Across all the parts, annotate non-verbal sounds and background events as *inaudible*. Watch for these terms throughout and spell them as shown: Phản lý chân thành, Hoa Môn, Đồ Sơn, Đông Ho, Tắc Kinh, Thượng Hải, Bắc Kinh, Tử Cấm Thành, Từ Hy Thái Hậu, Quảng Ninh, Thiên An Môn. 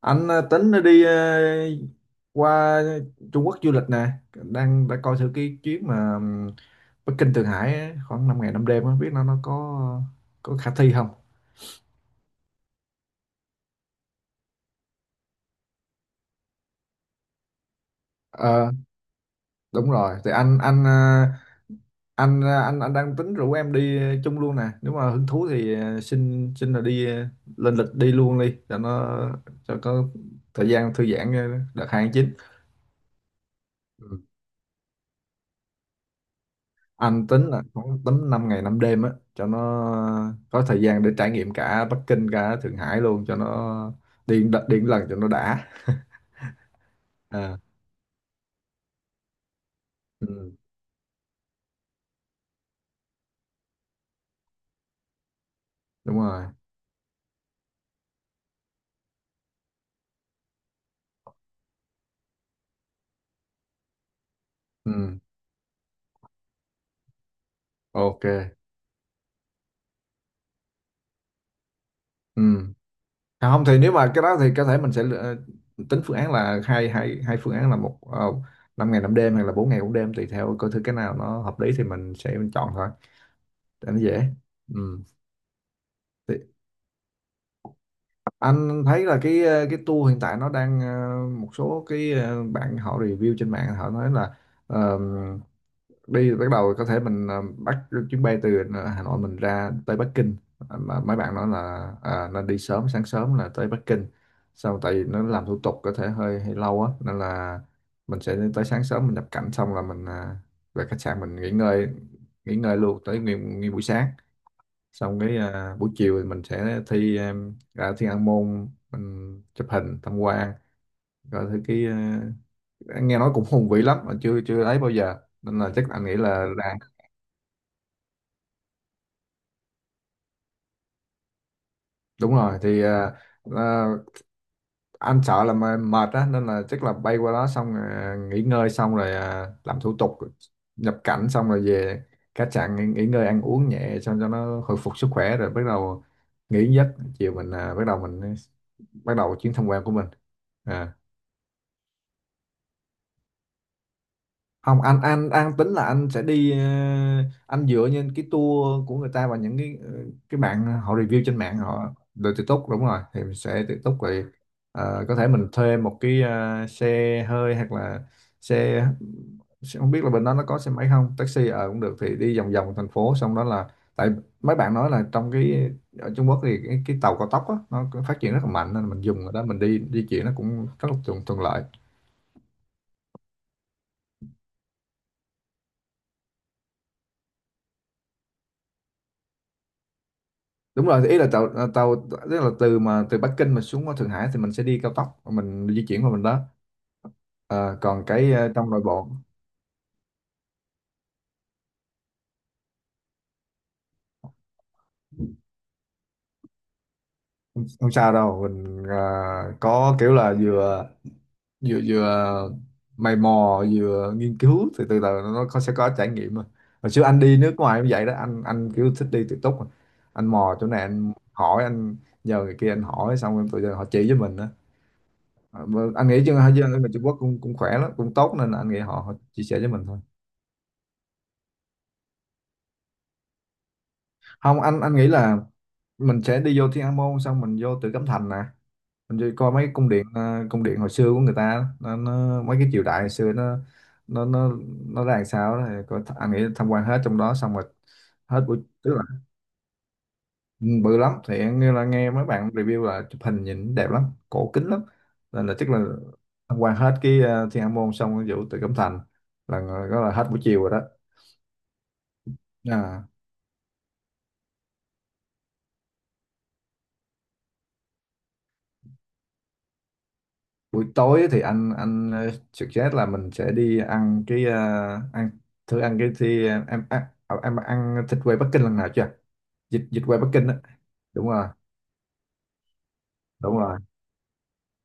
Anh tính đi qua Trung Quốc du lịch nè, đang đã coi thử cái chuyến mà Bắc Kinh, Thượng Hải á, khoảng 5 ngày 5 đêm, không biết nó có khả thi không. ờ Đúng rồi, thì anh ờ, anh ờ, anh đang tính rủ em đi chung luôn nè, nếu mà hứng thú thì xin xin là đi lên lịch đi luôn đi cho nó, cho có thời gian thư giãn, đợt hai tháng chín. Anh tính là khoảng tấm 5 ngày 5 đêm á, cho nó có thời gian để trải nghiệm cả Bắc Kinh cả Thượng Hải luôn, cho nó đi đi một lần cho nó đã. À. Ừ, đúng rồi. Ừ, ok. Ừ. À, không thì nếu mà cái đó thì có thể mình sẽ tính phương án, là hai hai hai phương án: là một, uh, 5 ngày 5 đêm, hay là 4 ngày 4 đêm, tùy theo coi thử cái nào nó hợp lý thì mình sẽ chọn thôi, để nó dễ. Ừ. Anh thấy là cái tour hiện tại nó đang, một số bạn họ review trên mạng họ nói là ờ, đi bắt đầu có thể mình bắt chuyến bay từ Hà Nội mình ra tới Bắc Kinh, mà mấy bạn nói là à, nên đi sớm, sáng sớm là tới Bắc Kinh sau, tại vì nó làm thủ tục có thể hơi hơi lâu á, nên là mình sẽ tới sáng sớm mình nhập cảnh xong là mình về khách sạn mình nghỉ ngơi, nghỉ ngơi luôn tới nguyên buổi sáng, xong cái à, buổi chiều thì mình sẽ ra Thiên An Môn mình chụp hình tham quan, rồi thứ cái à, nghe nói cũng hùng vĩ lắm mà chưa chưa thấy bao giờ, nên là chắc anh nghĩ là đúng rồi thì à, à, anh sợ là mệt á, nên là chắc là bay qua đó xong à, nghỉ ngơi xong rồi à, làm thủ tục nhập cảnh xong rồi về khách sạn nghỉ, nghỉ ngơi ăn uống nhẹ xong cho nó hồi phục sức khỏe rồi bắt đầu nghỉ giấc, chiều mình à, bắt đầu mình bắt đầu chuyến tham quan của mình. À, không, anh tính là anh sẽ đi, anh dựa trên cái tour của người ta và những cái bạn họ review trên mạng họ. Tự túc, đúng rồi, thì mình sẽ tự túc rồi. Ờ, có thể mình thuê một xe hơi, hoặc là xe, xe, không biết là bên đó nó có xe máy không, taxi ờ cũng được, thì đi vòng vòng thành phố xong đó là, tại mấy bạn nói là trong cái, ở Trung Quốc thì cái tàu cao tốc á, nó phát triển rất là mạnh, nên mình dùng ở đó mình đi di chuyển nó cũng rất là thuận lợi. Đúng rồi, ý là tàu à, tàu, tức là từ mà từ Bắc Kinh mà xuống Thượng Hải thì mình sẽ đi cao tốc mình di chuyển qua mình đó. Ờ, còn trong nội bộ, không sao đâu, mình có kiểu là vừa vừa vừa mày mò vừa nghiên cứu thì từ từ nó có, sẽ có trải nghiệm mà, hồi xưa anh đi nước ngoài cũng vậy đó, anh kiểu thích đi tự túc mà. Anh mò chỗ này anh hỏi, anh nhờ người kia anh hỏi, xong rồi tụi họ chỉ với mình đó. Ờ, mà anh nghĩ chứ hai dân ở Trung Quốc cũng cũng khỏe lắm, cũng tốt, nên là anh nghĩ họ, họ chia sẻ với mình thôi. Không, anh nghĩ là mình sẽ đi vô Thiên An Môn xong mình vô Tử Cấm Thành nè, mình đi coi mấy cung điện, cung điện hồi xưa của người ta, nó mấy cái triều đại hồi xưa nó, nó nó nó ra làm sao đó thì coi, anh nghĩ tham quan hết trong đó xong rồi, hết buổi, tức là ừ, bự lắm, thì anh nghe là, nghe mấy bạn review là chụp hình nhìn đẹp lắm, cổ kính lắm, nên là chắc là tham quan hết Thiên An Môn xong rồi vụ Tử Cấm Thành, là đó là hết buổi chiều rồi đó. À, buổi tối thì anh suggest là mình sẽ đi ăn ăn thử ăn cái thì em ăn thịt quay Bắc Kinh lần nào chưa? Vịt Vịt quay Bắc Kinh á. Đúng rồi, đúng rồi.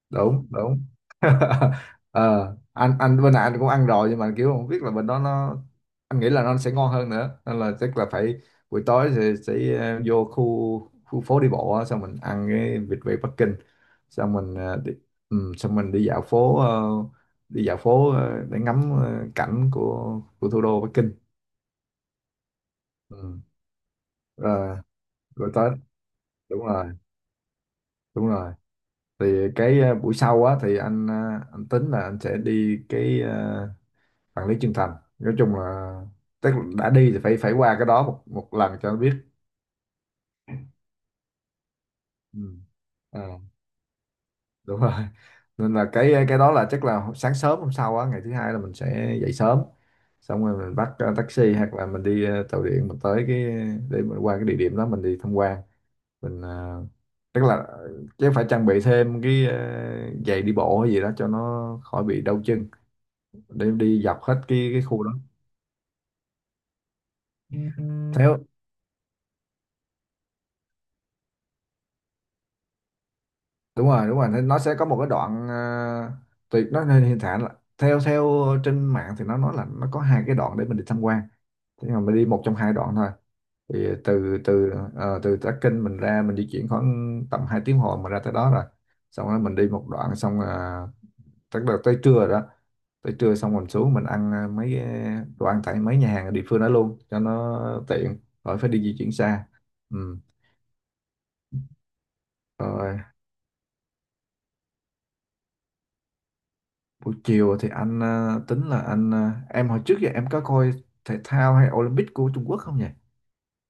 Đúng đúng. *laughs* Ờ, anh bên này anh cũng ăn rồi, nhưng mà kiểu không biết là bên đó nó, anh nghĩ là nó sẽ ngon hơn nữa, nên là chắc là phải buổi tối sẽ, sẽ vô khu khu phố đi bộ á, xong mình ăn cái vịt quay Bắc Kinh, xong mình đi, ừ, xong mình đi dạo phố, đi dạo phố để ngắm cảnh của thủ đô Bắc Kinh. Ừ. Rồi, rồi tới, đúng rồi, đúng rồi, thì buổi sau á thì anh tính là anh sẽ đi Phản Lý Chân Thành, nói chung là tức là đã đi thì phải phải qua cái đó một một lần cho nó biết. Ừ. Ờ, đúng rồi. *laughs* Nên là cái đó là chắc là sáng sớm hôm sau á, ngày thứ hai là mình sẽ dậy sớm, xong rồi mình bắt taxi hoặc là mình đi tàu điện mình tới cái, để mình qua cái địa điểm đó mình đi tham quan, mình, tức là chứ phải trang bị thêm giày đi bộ hay gì đó cho nó khỏi bị đau chân, để đi dọc hết cái khu đó theo. Đúng rồi, đúng rồi, nên nó sẽ có một cái đoạn, tùy nó, nên hiện tại là theo theo trên mạng thì nó nói là nó có hai cái đoạn để mình đi tham quan, thế mà mình đi một trong hai đoạn thôi, thì từ từ ờ, từ Tắc Kinh mình ra mình di chuyển khoảng tầm 2 tiếng hồ mà ra tới đó rồi, xong rồi mình đi một đoạn xong tức là tới trưa rồi đó, tới trưa xong mình xuống mình ăn đồ ăn tại mấy nhà hàng ở địa phương đó luôn cho nó tiện, khỏi phải đi di chuyển xa. Ừ. Rồi. Buổi chiều thì anh tính là anh, em hồi trước giờ em có coi thể thao hay Olympic của Trung Quốc không nhỉ?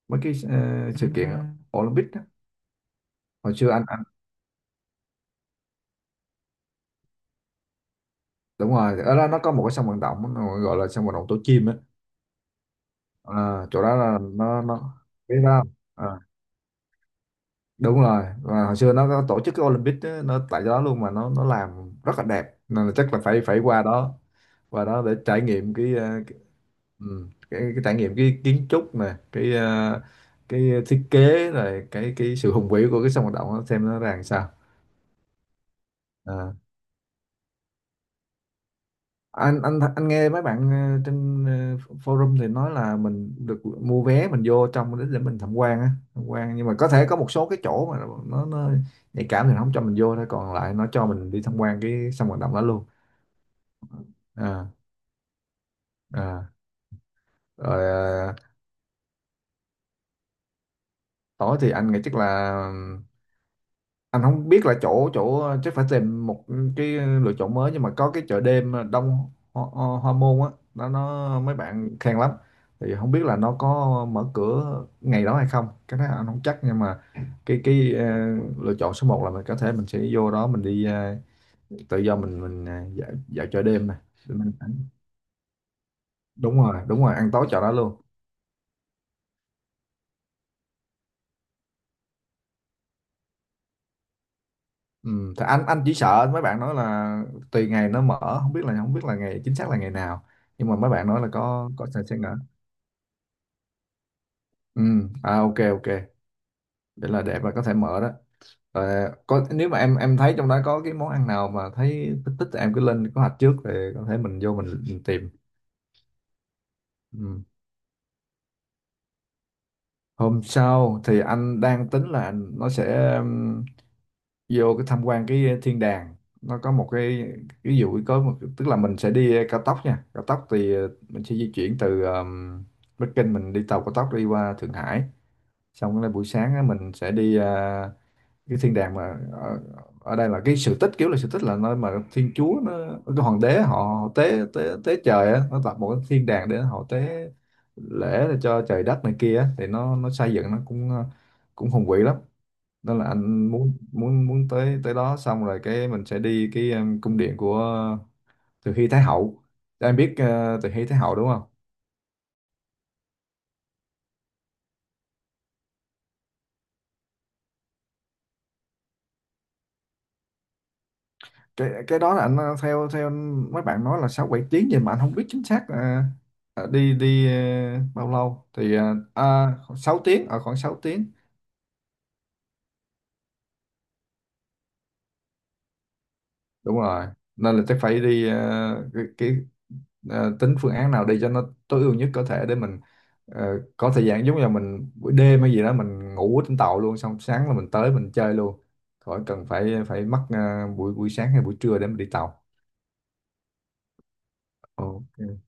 Mấy sự kiện À, Olympic đó. Hồi xưa anh đúng rồi, ở đó nó có một cái sân vận động nó gọi là sân vận động tổ chim á. Ờ, chỗ đó là nó biết đó không? Ờ, đúng rồi. Và hồi xưa nó có tổ chức cái Olympic á, nó tại đó luôn, mà nó làm rất là đẹp, nên là chắc là phải phải qua đó, qua đó để trải nghiệm cái ờ, Ừ. Cái trải nghiệm cái kiến trúc mà cái thiết kế, rồi cái sự hùng vĩ của cái sân vận động đó, xem nó ra làm sao. À. anh nghe mấy bạn trên forum thì nói là mình được mua vé mình vô trong để mình tham quan á, tham quan, nhưng mà có thể có một số cái chỗ mà nó nhạy cảm thì nó không cho mình vô thôi, còn lại nó cho mình đi tham quan cái sân vận động đó luôn. À, à. Rồi ờ, tối thì anh nghĩ chắc là anh không biết là chỗ chỗ chắc phải tìm một cái lựa chọn mới, nhưng mà có cái chợ đêm Đông Ho, Ho, Hoa Môn á, nó mấy bạn khen lắm, thì không biết là nó có mở cửa ngày đó hay không, cái đó anh không chắc, nhưng mà cái lựa chọn số một là mình có thể mình sẽ vô đó mình đi tự do mình dạo chợ đêm này. Để mình- Đúng rồi, đúng rồi, ăn tối chợ đó luôn. Ừ, thì anh chỉ sợ mấy bạn nói là tùy ngày nó mở, không biết là không biết là ngày chính xác là ngày nào, nhưng mà mấy bạn nói là có sẽ. Ừ, à ok ok, để là để mà có thể mở đó. Ờ, có, nếu mà em thấy trong đó có cái món ăn nào mà thấy thích thích thì em cứ lên kế hoạch trước, để có thể mình vô mình tìm. Ừ. Hôm sau thì anh đang tính là nó sẽ vô cái tham quan cái thiên đàng. Nó có một cái, ví dụ có một, tức là mình sẽ đi cao tốc nha. Cao tốc thì ờ, mình sẽ di chuyển từ Bắc Kinh mình đi tàu cao tốc đi qua Thượng Hải. Xong cái buổi sáng á, mình sẽ đi à, cái thiên đàng mà ở đây là cái sự tích, kiểu là sự tích là nơi mà thiên chúa nó, cái hoàng đế họ, họ tế tế tế trời á, nó tạo một cái thiên đàng để họ tế lễ để cho trời đất này kia á, thì nó xây dựng nó cũng ờ, cũng hùng vĩ lắm, nên là anh muốn muốn muốn tới tới đó, xong rồi cái mình sẽ đi cái cung điện của Từ Hy Thái Hậu, em biết ờ, Từ Hy Thái Hậu đúng không. Cái đó là anh theo theo mấy bạn nói là sáu bảy tiếng gì, mà anh không biết chính xác là đi đi bao lâu thì 6 tiếng ở khoảng 6 tiếng. Đúng rồi, nên là chắc phải đi tính phương án nào đi cho nó tối ưu nhất có thể, để mình có thời gian, giống như là mình buổi đêm hay gì đó mình ngủ ở trên tàu luôn, xong sáng là mình tới mình chơi luôn, khỏi cần phải phải mất buổi buổi sáng hay buổi trưa để mình đi tàu. Ok.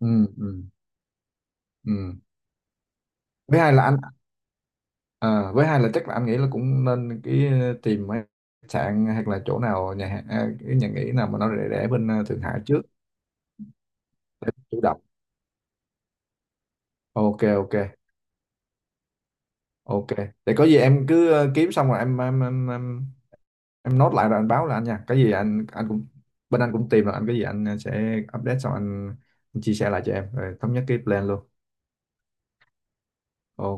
Ừ ừ ừ. Với hai là anh, ờ, với hai là chắc là anh nghĩ là cũng nên tìm mấy khách sạn hoặc là chỗ nào nhà hàng à, cái nhà nghỉ nào mà nó rẻ rẻ bên Thượng Hải trước, để chủ động. Ok ok ok, để có gì em cứ kiếm xong rồi em nốt lại rồi anh báo là anh nha, cái gì anh cũng bên anh cũng tìm rồi, anh cái gì anh sẽ update xong anh chia sẻ lại cho em rồi thống nhất cái plan luôn. Ok.